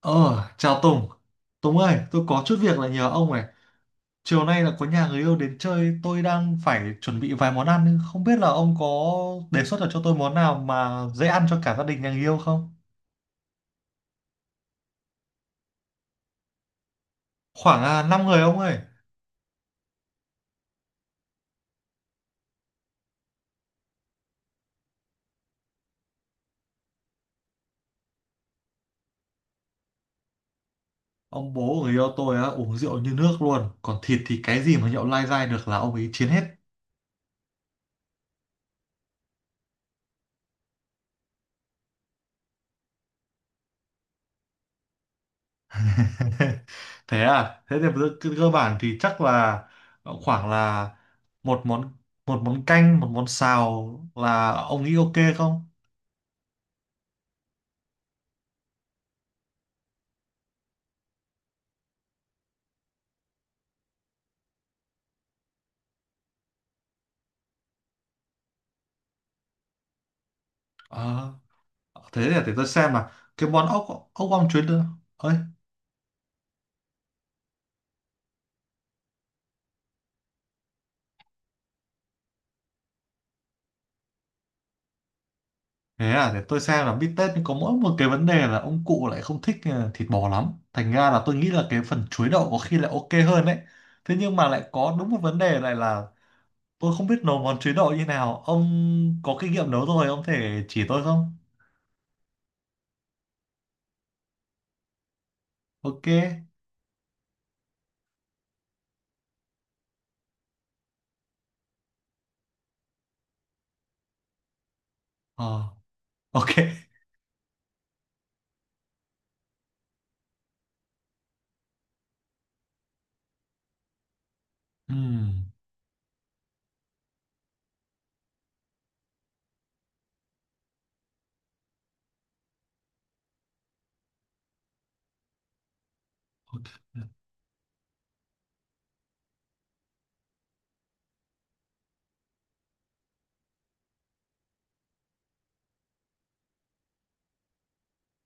Ờ, chào Tùng. Tùng ơi, tôi có chút việc là nhờ ông này. Chiều nay là có nhà người yêu đến chơi, tôi đang phải chuẩn bị vài món ăn, nhưng không biết là ông có đề xuất được cho tôi món nào mà dễ ăn cho cả gia đình nhà người yêu không? Khoảng 5 người ông ơi. Ông bố của người yêu tôi á, uống rượu như nước luôn. Còn thịt thì cái gì mà nhậu lai dai được là ông ấy chiến hết. Thế à? Thế thì cơ cơ- cơ bản thì chắc là khoảng là một món, một món canh, một món xào, là ông nghĩ ok không? Ờ, thế thì để tôi xem là cái món ốc ốc om chuối nữa ơi. Thế à, để tôi xem. Là bít tết, nhưng có mỗi một cái vấn đề là ông cụ lại không thích thịt bò lắm, thành ra là tôi nghĩ là cái phần chuối đậu có khi lại ok hơn đấy. Thế nhưng mà lại có đúng một vấn đề lại là tôi không biết nấu món chuối đậu như nào. Ông có kinh nghiệm nấu rồi, ông thể chỉ tôi không? Ok. Ờ, ok. Ừm, ok.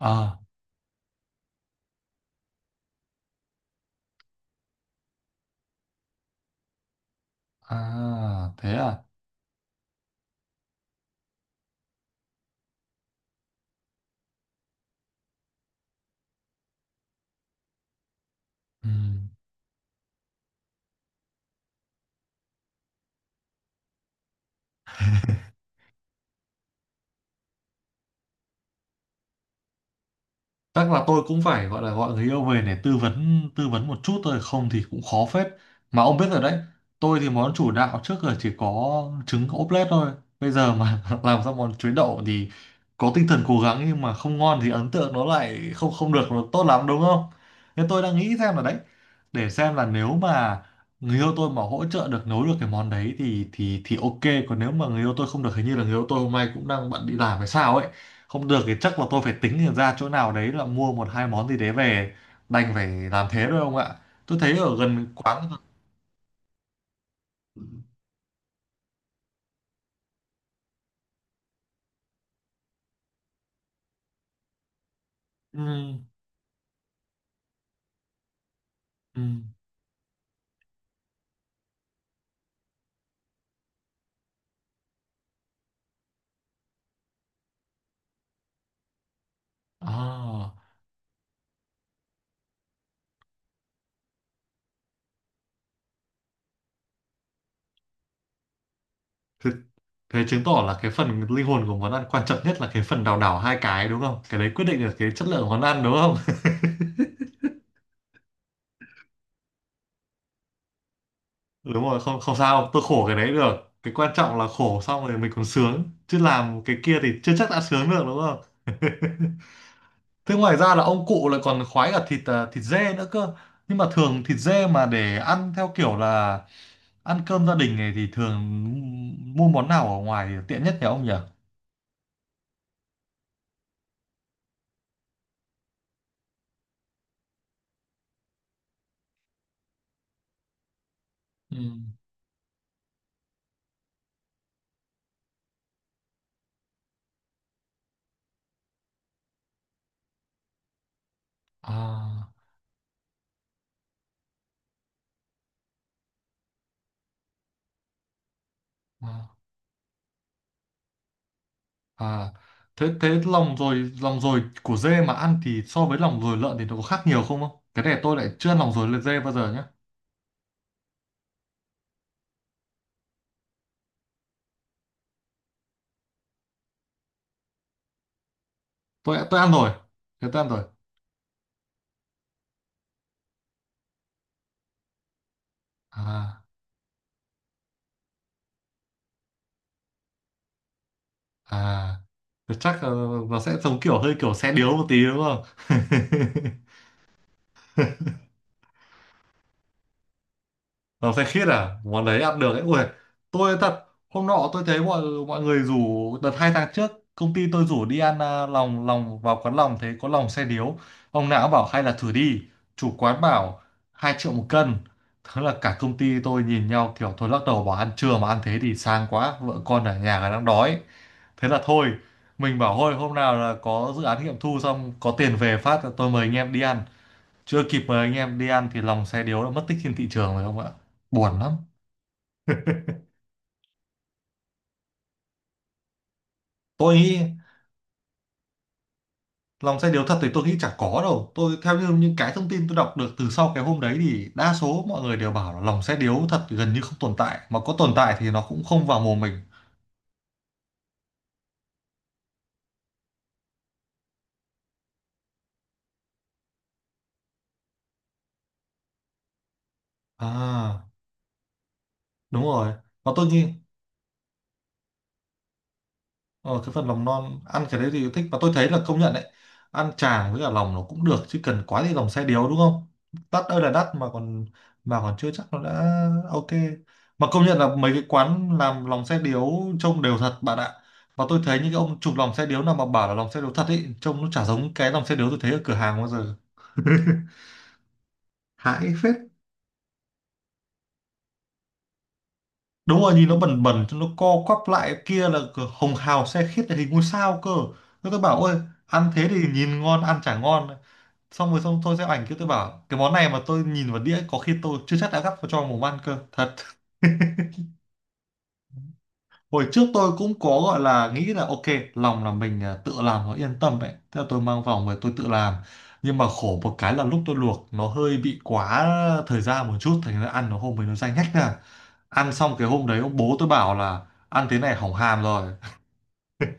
À, à, thế à. Ừm. Chắc là tôi cũng phải gọi là gọi người yêu về để tư vấn một chút thôi, không thì cũng khó phết. Mà ông biết rồi đấy, tôi thì món chủ đạo trước giờ chỉ có trứng ốp lết thôi. Bây giờ mà làm ra món chuối đậu thì có tinh thần cố gắng, nhưng mà không ngon thì ấn tượng nó lại không không được nó tốt lắm, đúng không? Nên tôi đang nghĩ xem là đấy, để xem là nếu mà người yêu tôi mà hỗ trợ được, nấu được cái món đấy thì thì ok. Còn nếu mà người yêu tôi không được, hình như là người yêu tôi hôm nay cũng đang bận đi làm hay sao ấy, không được thì chắc là tôi phải tính ra chỗ nào đấy là mua một hai món gì đấy về, đành phải làm thế thôi ông ạ. Tôi thấy ở gần quán. Ừ, ừ. À, thế, thế chứng tỏ là cái phần linh hồn của món ăn quan trọng nhất là cái phần đào đảo hai cái, đúng không? Cái đấy quyết định được cái chất lượng món ăn, đúng không? Đúng rồi, không không sao, tôi khổ cái đấy được, cái quan trọng là khổ xong rồi mình còn sướng, chứ làm cái kia thì chưa chắc đã sướng được, đúng không? Thế ngoài ra là ông cụ lại còn khoái cả thịt thịt dê nữa cơ. Nhưng mà thường thịt dê mà để ăn theo kiểu là ăn cơm gia đình này thì thường mua món nào ở ngoài tiện nhất nhỉ ông nhỉ? Ừ. À, à, à. Thế thế lòng rồi của dê mà ăn thì so với lòng rồi lợn thì nó có khác nhiều không không? Cái này tôi lại chưa ăn lòng rồi dê bao giờ nhé. Tôi ăn rồi. Thế tôi ăn rồi. À à. Thế chắc nó sẽ giống kiểu hơi kiểu xe điếu một tí đúng không? Nó phê khiết à? Món đấy ăn được ấy. Ui, tôi thật, hôm nọ tôi thấy mọi mọi người rủ, đợt hai tháng trước, công ty tôi rủ đi ăn lòng, vào quán lòng, thấy có lòng xe điếu. Ông nào cũng bảo hay là thử đi. Chủ quán bảo 2.000.000 một cân. Thế là cả công ty tôi nhìn nhau kiểu thôi lắc đầu bảo ăn trưa mà ăn thế thì sang quá, vợ con ở nhà đang đói. Thế là thôi, mình bảo thôi hôm nào là có dự án nghiệm thu xong, có tiền về phát là tôi mời anh em đi ăn. Chưa kịp mời anh em đi ăn thì lòng xe điếu đã mất tích trên thị trường rồi không ạ. Buồn lắm. Tôi nghĩ lòng xe điếu thật thì tôi nghĩ chả có đâu. Tôi theo như những cái thông tin tôi đọc được từ sau cái hôm đấy thì đa số mọi người đều bảo là lòng xe điếu thật gần như không tồn tại, mà có tồn tại thì nó cũng không vào mồm mình. À đúng rồi. Và tôi nghĩ, ờ, cái phần lòng non ăn cái đấy thì thích, và tôi thấy là công nhận đấy. Ăn chả với cả lòng nó cũng được, chứ cần quá thì lòng xe điếu đúng không, đắt ơi là đắt, mà còn chưa chắc nó đã ok. Mà công nhận là mấy cái quán làm lòng xe điếu trông đều thật bạn ạ. Và tôi thấy những cái ông chụp lòng xe điếu nào mà bảo là lòng xe điếu thật ấy, trông nó chả giống cái lòng xe điếu tôi thấy ở cửa hàng bao giờ. Hãi phết. Đúng rồi, nhìn nó bẩn bẩn cho nó co quắp lại kia, là cửa hồng hào xe khít là hình ngôi sao cơ. Thế tôi bảo ôi, ăn thế thì nhìn ngon ăn chả ngon. Xong rồi, xong tôi sẽ ảnh kia tôi bảo cái món này mà tôi nhìn vào đĩa có khi tôi chưa chắc đã gắp vào cho vào mồm ăn cơ thật. Hồi trước tôi cũng có gọi là nghĩ là ok, lòng là mình tự làm nó yên tâm ấy, thế là tôi mang vòng về tôi tự làm. Nhưng mà khổ một cái là lúc tôi luộc nó hơi bị quá thời gian một chút, thành ra ăn nó hôm ấy nó dai nhách ra. Ăn xong cái hôm đấy ông bố tôi bảo là ăn thế này hỏng hàm rồi.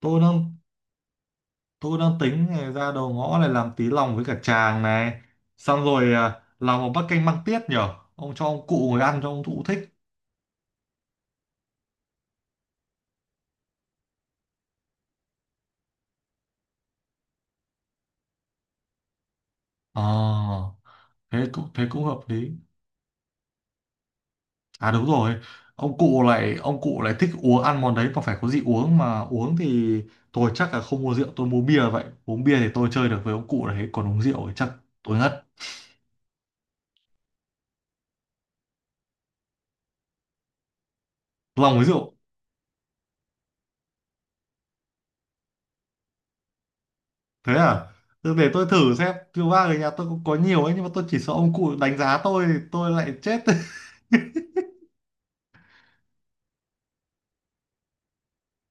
tôi đang Tôi đang tính này, ra đầu ngõ này làm tí lòng với cả chàng này. Xong rồi làm một bát canh măng tiết nhở. Ông cho ông cụ ngồi ăn cho ông cụ thích. Ờ, thế cũng hợp lý. À đúng rồi. Ông cụ lại thích uống ăn món đấy, mà phải có gì uống mà uống thì tôi chắc là không mua rượu, tôi mua bia vậy. Uống bia thì tôi chơi được với ông cụ đấy, còn uống rượu thì chắc tôi ngất. Lòng với rượu. Thế à? Thế để tôi thử xem, rượu vang ở nhà tôi cũng có nhiều ấy, nhưng mà tôi chỉ sợ ông cụ đánh giá tôi thì tôi lại chết.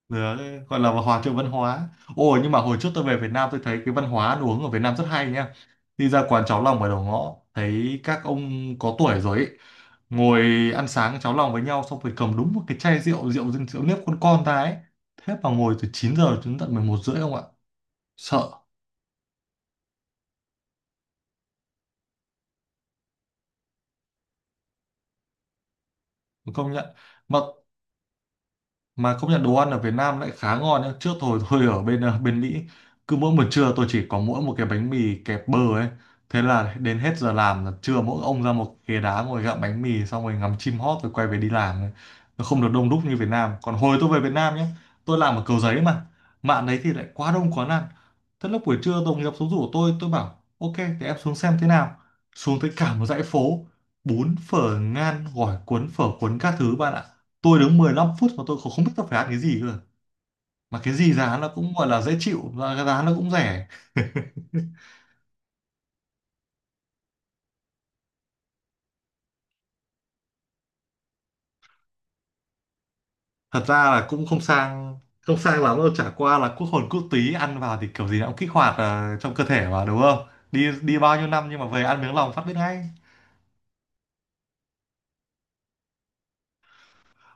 Đấy, gọi là hòa trộn văn hóa. Ồ nhưng mà hồi trước tôi về Việt Nam tôi thấy cái văn hóa ăn uống ở Việt Nam rất hay nha. Đi ra quán cháo lòng ở đầu ngõ thấy các ông có tuổi rồi ấy, ngồi ăn sáng cháo lòng với nhau xong rồi cầm đúng một cái chai rượu nếp con ta ấy. Thế mà ngồi từ 9 giờ đến tận 11 rưỡi không ạ? Sợ, công nhận. Mà mà công nhận đồ ăn ở Việt Nam lại khá ngon nhá. Trước thôi tôi ở bên bên Mỹ, cứ mỗi buổi trưa tôi chỉ có mỗi một cái bánh mì kẹp bơ ấy, thế là đến hết giờ làm là trưa mỗi ông ra một ghế đá ngồi gặm bánh mì xong rồi ngắm chim hót rồi quay về đi làm ấy. Nó không được đông đúc như Việt Nam. Còn hồi tôi về Việt Nam nhé, tôi làm ở Cầu Giấy mà, mạng đấy thì lại quá đông quá ăn. Thế lúc buổi trưa đồng nghiệp xuống rủ tôi bảo ok thì em xuống xem thế nào. Xuống tới cả một dãy phố, bún phở ngan gỏi cuốn phở cuốn các thứ bạn ạ, tôi đứng 15 phút mà tôi không biết tôi phải ăn cái gì cơ, mà cái gì giá nó cũng gọi là dễ chịu và cái giá nó cũng rẻ. Thật ra là cũng không sang, không sang lắm đâu, chả qua là quốc hồn quốc túy ăn vào thì kiểu gì nó cũng kích hoạt trong cơ thể mà đúng không. Đi đi bao nhiêu năm nhưng mà về ăn miếng lòng phát biết ngay.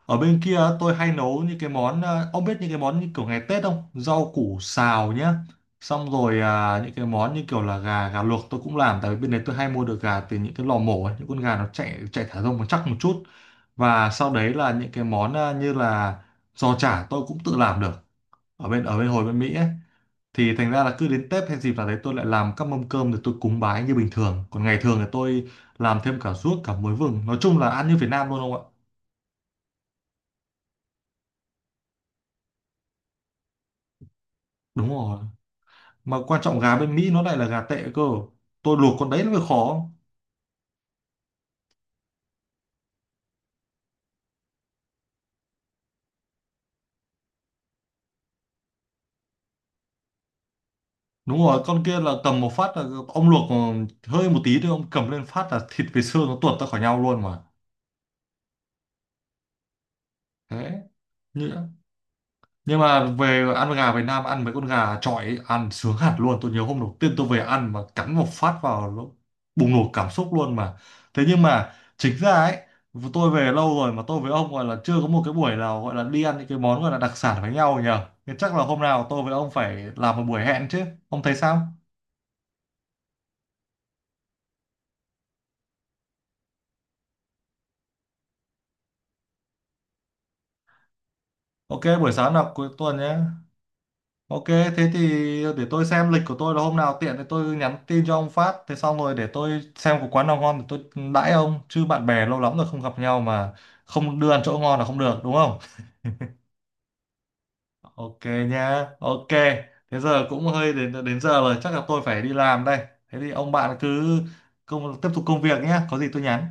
Ở bên kia tôi hay nấu những cái món ông biết những cái món như kiểu ngày Tết không? Rau củ xào nhá. Xong rồi những cái món như kiểu là gà gà luộc tôi cũng làm, tại vì bên đấy tôi hay mua được gà từ những cái lò mổ ấy, những con gà nó chạy chạy thả rông nó chắc một chút. Và sau đấy là những cái món như là giò chả tôi cũng tự làm được ở bên hồi bên Mỹ ấy. Thì thành ra là cứ đến Tết hay dịp nào đấy tôi lại làm các mâm cơm để tôi cúng bái như bình thường. Còn ngày thường thì tôi làm thêm cả ruốc cả muối vừng. Nói chung là ăn như Việt Nam luôn không ạ? Đúng rồi. Mà quan trọng gà bên Mỹ nó lại là gà tệ cơ, tôi luộc con đấy nó mới khó. Đúng rồi, con kia là cầm một phát là, ông luộc hơi một tí thôi ông cầm lên phát là thịt với xương nó tuột ra khỏi nhau luôn mà. Thế nhỉ? Nhưng mà về ăn gà Việt Nam ăn mấy con gà chọi ấy, ăn sướng hẳn luôn. Tôi nhớ hôm đầu tiên tôi về ăn mà cắn một phát vào nó bùng nổ cảm xúc luôn mà. Thế nhưng mà chính ra ấy, tôi về lâu rồi mà tôi với ông gọi là chưa có một cái buổi nào gọi là đi ăn những cái món gọi là đặc sản với nhau nhờ. Thế chắc là hôm nào tôi với ông phải làm một buổi hẹn chứ, ông thấy sao? Ok, buổi sáng nào cuối tuần nhé. Ok, thế thì để tôi xem lịch của tôi là hôm nào tiện thì tôi nhắn tin cho ông phát. Thế xong rồi để tôi xem có quán nào ngon thì tôi đãi ông. Chứ bạn bè lâu lắm rồi không gặp nhau mà không đưa ăn chỗ ngon là không được đúng không? Ok nha, ok. Thế giờ cũng hơi đến đến giờ rồi, chắc là tôi phải đi làm đây. Thế thì ông bạn cứ công, tiếp tục công việc nhé, có gì tôi nhắn.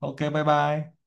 Ok, bye bye.